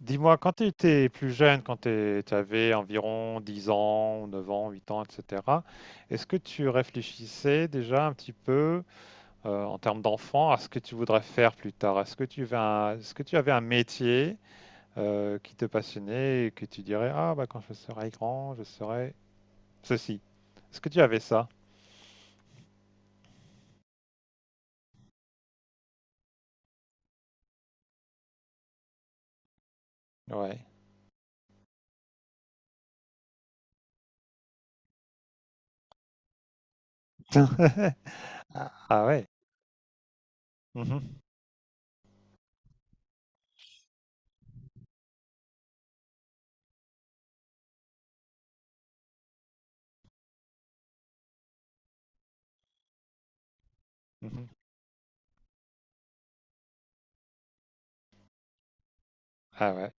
Dis-moi, quand tu étais plus jeune, quand tu avais environ 10 ans, 9 ans, 8 ans, etc., est-ce que tu réfléchissais déjà un petit peu en termes d'enfant à ce que tu voudrais faire plus tard? Est-ce que tu avais un métier qui te passionnait et que tu dirais, ah bah quand je serai grand, je serai ceci. Est-ce que tu avais ça? Ouais. Ah ah ouais. Mhm. Mhm. Ah ouais.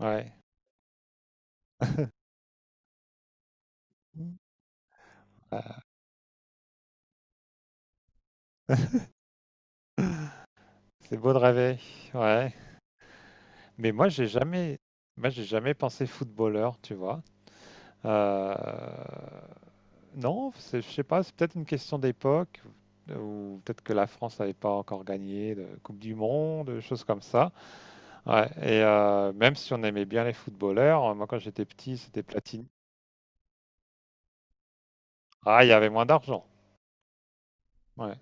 Ouais. Ah. C'est beau de rêver. Ouais. Mais moi, j'ai jamais pensé footballeur, tu vois. Euh, non, je sais pas, c'est peut-être une question d'époque, ou peut-être que la France n'avait pas encore gagné de Coupe du Monde, des choses comme ça. Ouais, et même si on aimait bien les footballeurs, moi, quand j'étais petit, c'était Platini. Ah, il y avait moins d'argent. Ouais.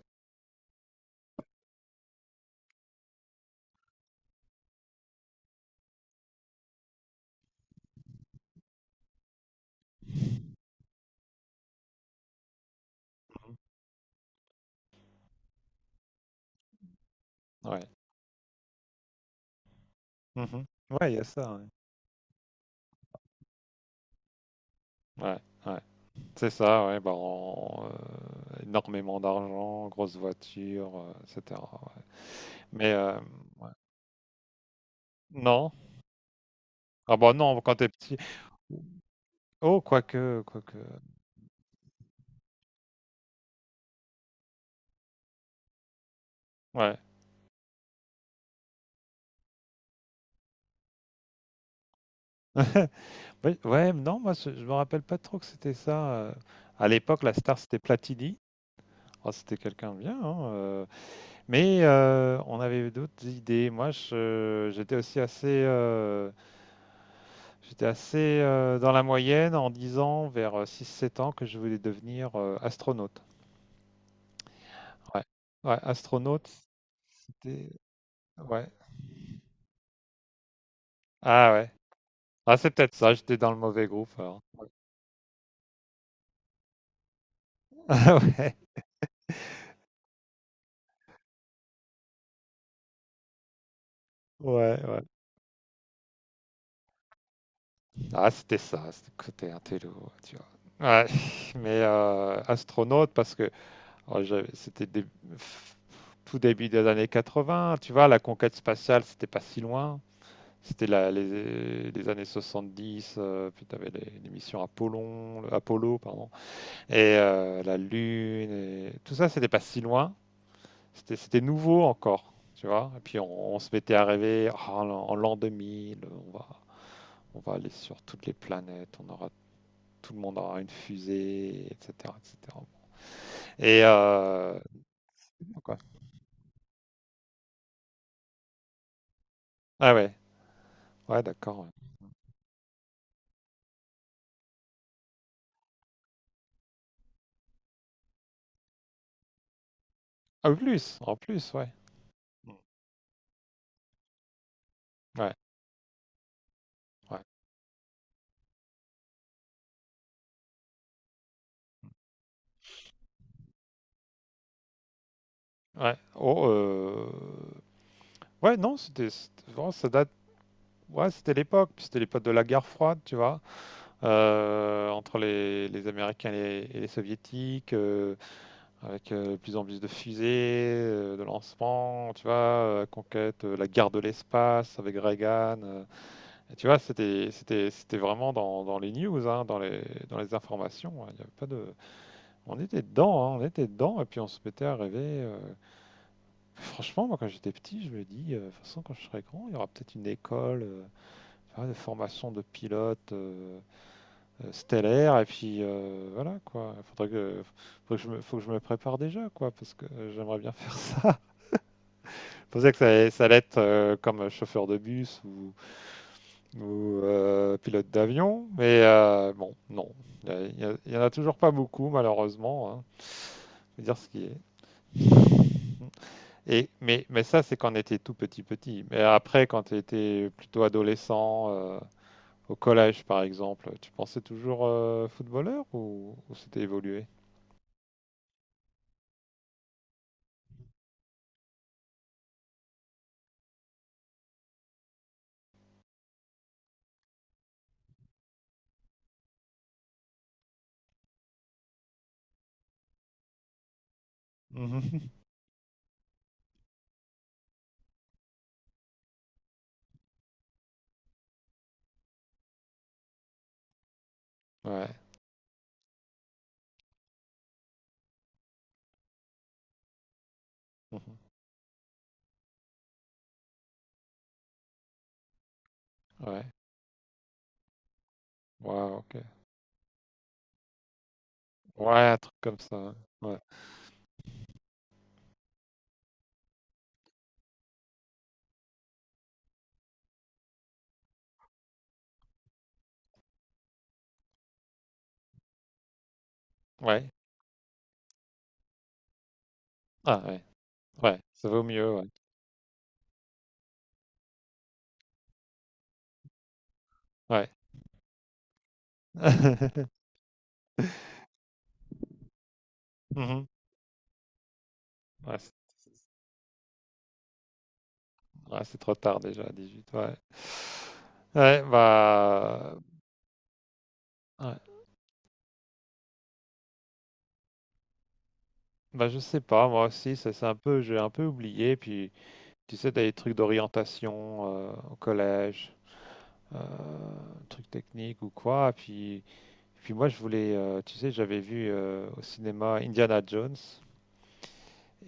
Mhm. Ouais. Mhm. Ouais, il y a ça. Ouais. Ouais. Ouais. C'est ça, ouais, bah, énormément d'argent, grosse voiture, etc. Ouais. Mais non, ah bah non, quand t'es petit. Oh, quoique, ouais. Oui, ouais, non, moi je me rappelle pas trop que c'était ça. À l'époque, la star c'était Platini. Oh, c'était quelqu'un de bien, hein. Mais on avait d'autres idées. Moi, j'étais assez dans la moyenne en 10 ans, vers six sept ans, que je voulais devenir astronaute. Ouais. Ouais, astronaute, c'était... Ouais. Ah ouais. Ah, c'est peut-être ça, j'étais dans le mauvais groupe alors. Ouais. Ah ouais. Ouais, ouais. Ah, c'était ça, c'était le côté intello, tu vois. Ouais, mais astronaute, parce que oh, tout début des années 80. Tu vois, la conquête spatiale, c'était pas si loin. C'était les années 70, puis tu avais les missions Apollon, Apollo, pardon, et la Lune, et tout ça, c'était pas si loin, c'était nouveau encore, tu vois. Et puis on se mettait à rêver, ah, en l'an 2000, on va, on va aller sur toutes les planètes, tout le monde aura une fusée, etc., etc. Et cetera. Et donc, ouais. Ah ouais, ouais, d'accord. Ouais. Ah, en plus, ouais, ouais, ouais. Ouais. Oh, ouais, non, c'était vraiment, ça date. Ouais, c'était l'époque, puis c'était l'époque de la guerre froide, tu vois, entre les Américains et et les Soviétiques, avec de plus en plus de fusées, de lancements, tu vois, conquête, la guerre de l'espace avec Reagan. Et tu vois, c'était vraiment dans les news, hein, dans les informations. Hein, il y avait pas de, on était dedans, hein, on était dedans, et puis on se mettait à rêver. Franchement, moi, quand j'étais petit, je me dis, de toute façon, quand je serai grand, il y aura peut-être une école. Ah, des formations de pilotes stellaires et puis voilà quoi. Faudrait que, faut que je me, faut que je me prépare déjà quoi parce que j'aimerais bien faire ça. Je pensais que ça allait être comme chauffeur de bus ou, pilote d'avion, mais bon non, il y en a toujours pas beaucoup malheureusement. Hein. Faut dire ce qui est. Et mais ça c'est quand on était tout petit petit. Mais après quand tu étais plutôt adolescent. Au collège, par exemple, tu pensais toujours footballeur ou c'était évolué? Mhm. Ouais. Mhm, ouais. Ouais, ok. Ouais, un truc comme ça. Hein. Ouais. Ouais. Ah, ouais. Ouais, ça vaut mieux, ouais. Ouais. Mhm. Ouais, c'est ouais, c'est trop tard déjà, à 18, ouais. Ouais, bah, ouais. Bah, je sais pas, moi aussi, ça, c'est un peu, j'ai un peu oublié. Puis, tu sais, t'as des trucs d'orientation au collège, euh, truc technique ou quoi. Et puis moi, je voulais, tu sais, j'avais vu au cinéma Indiana Jones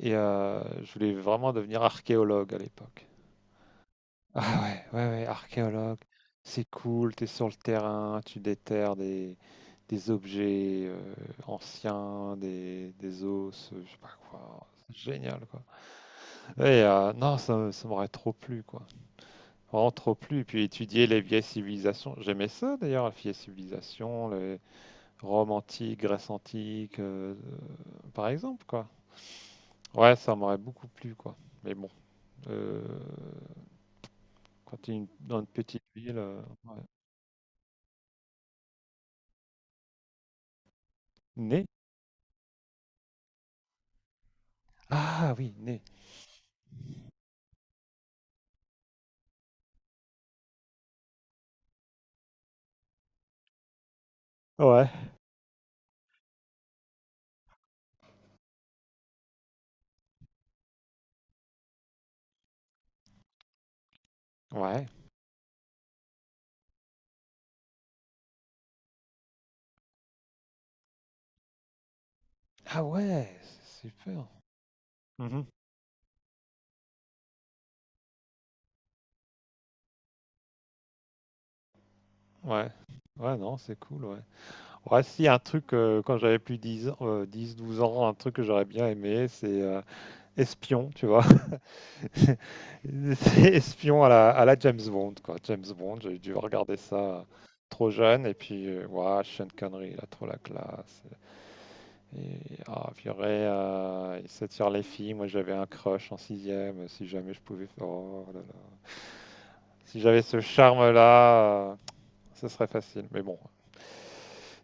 et je voulais vraiment devenir archéologue à l'époque. Ah ouais, ouais, ouais, archéologue, c'est cool, t'es sur le terrain, tu déterres des objets anciens, des os, je sais pas quoi. C'est génial, quoi. Et non, ça m'aurait trop plu, quoi. Vraiment trop plu. Et puis étudier les vieilles civilisations. J'aimais ça, d'ailleurs, les vieilles civilisations, Rome antique, Grèce antique, par exemple, quoi. Ouais, ça m'aurait beaucoup plu, quoi. Mais bon, euh, quand tu es dans une petite ville. Ouais. Nez? Ah oui, nez. Ouais. Ouais. Ah ouais, c'est super. Mhm. Ouais. Ouais, non, c'est cool, ouais. Ouais, si, un truc, quand j'avais plus 10, ans, 10, 12 ans, un truc que j'aurais bien aimé, c'est espion, tu vois. C'est espion à la, James Bond, quoi. James Bond, j'ai dû regarder ça trop jeune, et puis, ouah, Sean Connery, il a trop la classe. Et, ah, purée, il s'attire les filles. Moi, j'avais un crush en sixième, si jamais je pouvais faire. Oh là là. Si j'avais ce charme-là, ce serait facile. Mais bon,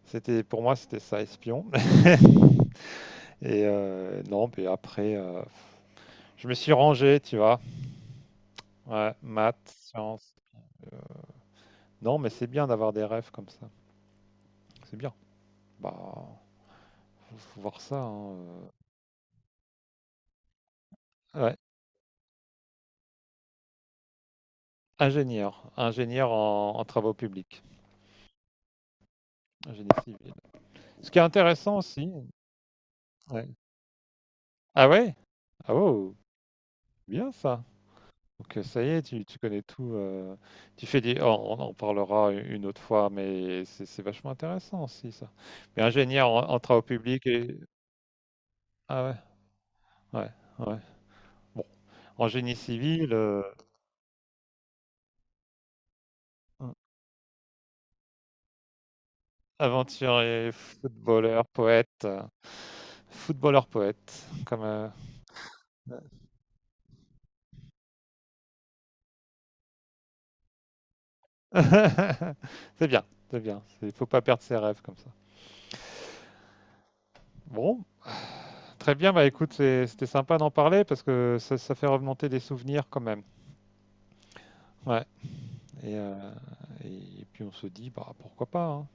c'était pour moi, c'était ça, espion. Et non, puis après, je me suis rangé, tu vois. Ouais, maths, sciences. Non, mais c'est bien d'avoir des rêves comme ça. C'est bien. Bah, faut voir ça. Hein. Ouais. Ingénieur en travaux publics, ingénie civil. Ce qui est intéressant aussi. Ouais. Ah ouais? Ah wow, bien ça. Donc ça y est, tu connais tout. Tu fais des. On en parlera une autre fois, mais c'est vachement intéressant aussi ça. Mais ingénieur en travaux publics et ah ouais, ouais, ouais. Bon, en génie civil. Aventurier, footballeur, poète. Footballeur poète, comme c'est bien, c'est bien. Il faut pas perdre ses rêves comme ça. Bon, très bien. Bah écoute, c'était sympa d'en parler parce que ça fait remonter des souvenirs quand même. Ouais. Et, euh, et, puis on se dit, bah pourquoi pas. Hein.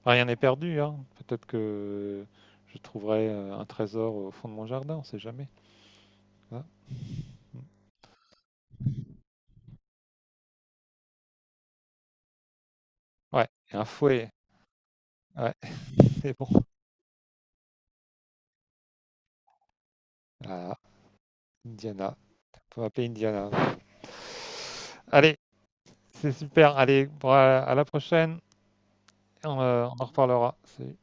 Enfin, rien n'est perdu. Hein. Peut-être que je trouverai un trésor au fond de mon jardin. On sait jamais. Hein. Ouais. Et un fouet. Ouais. C'est bon. Voilà. Indiana. Faut appeler Indiana. Allez, c'est super. Allez, bon, à la prochaine. On en reparlera. Salut.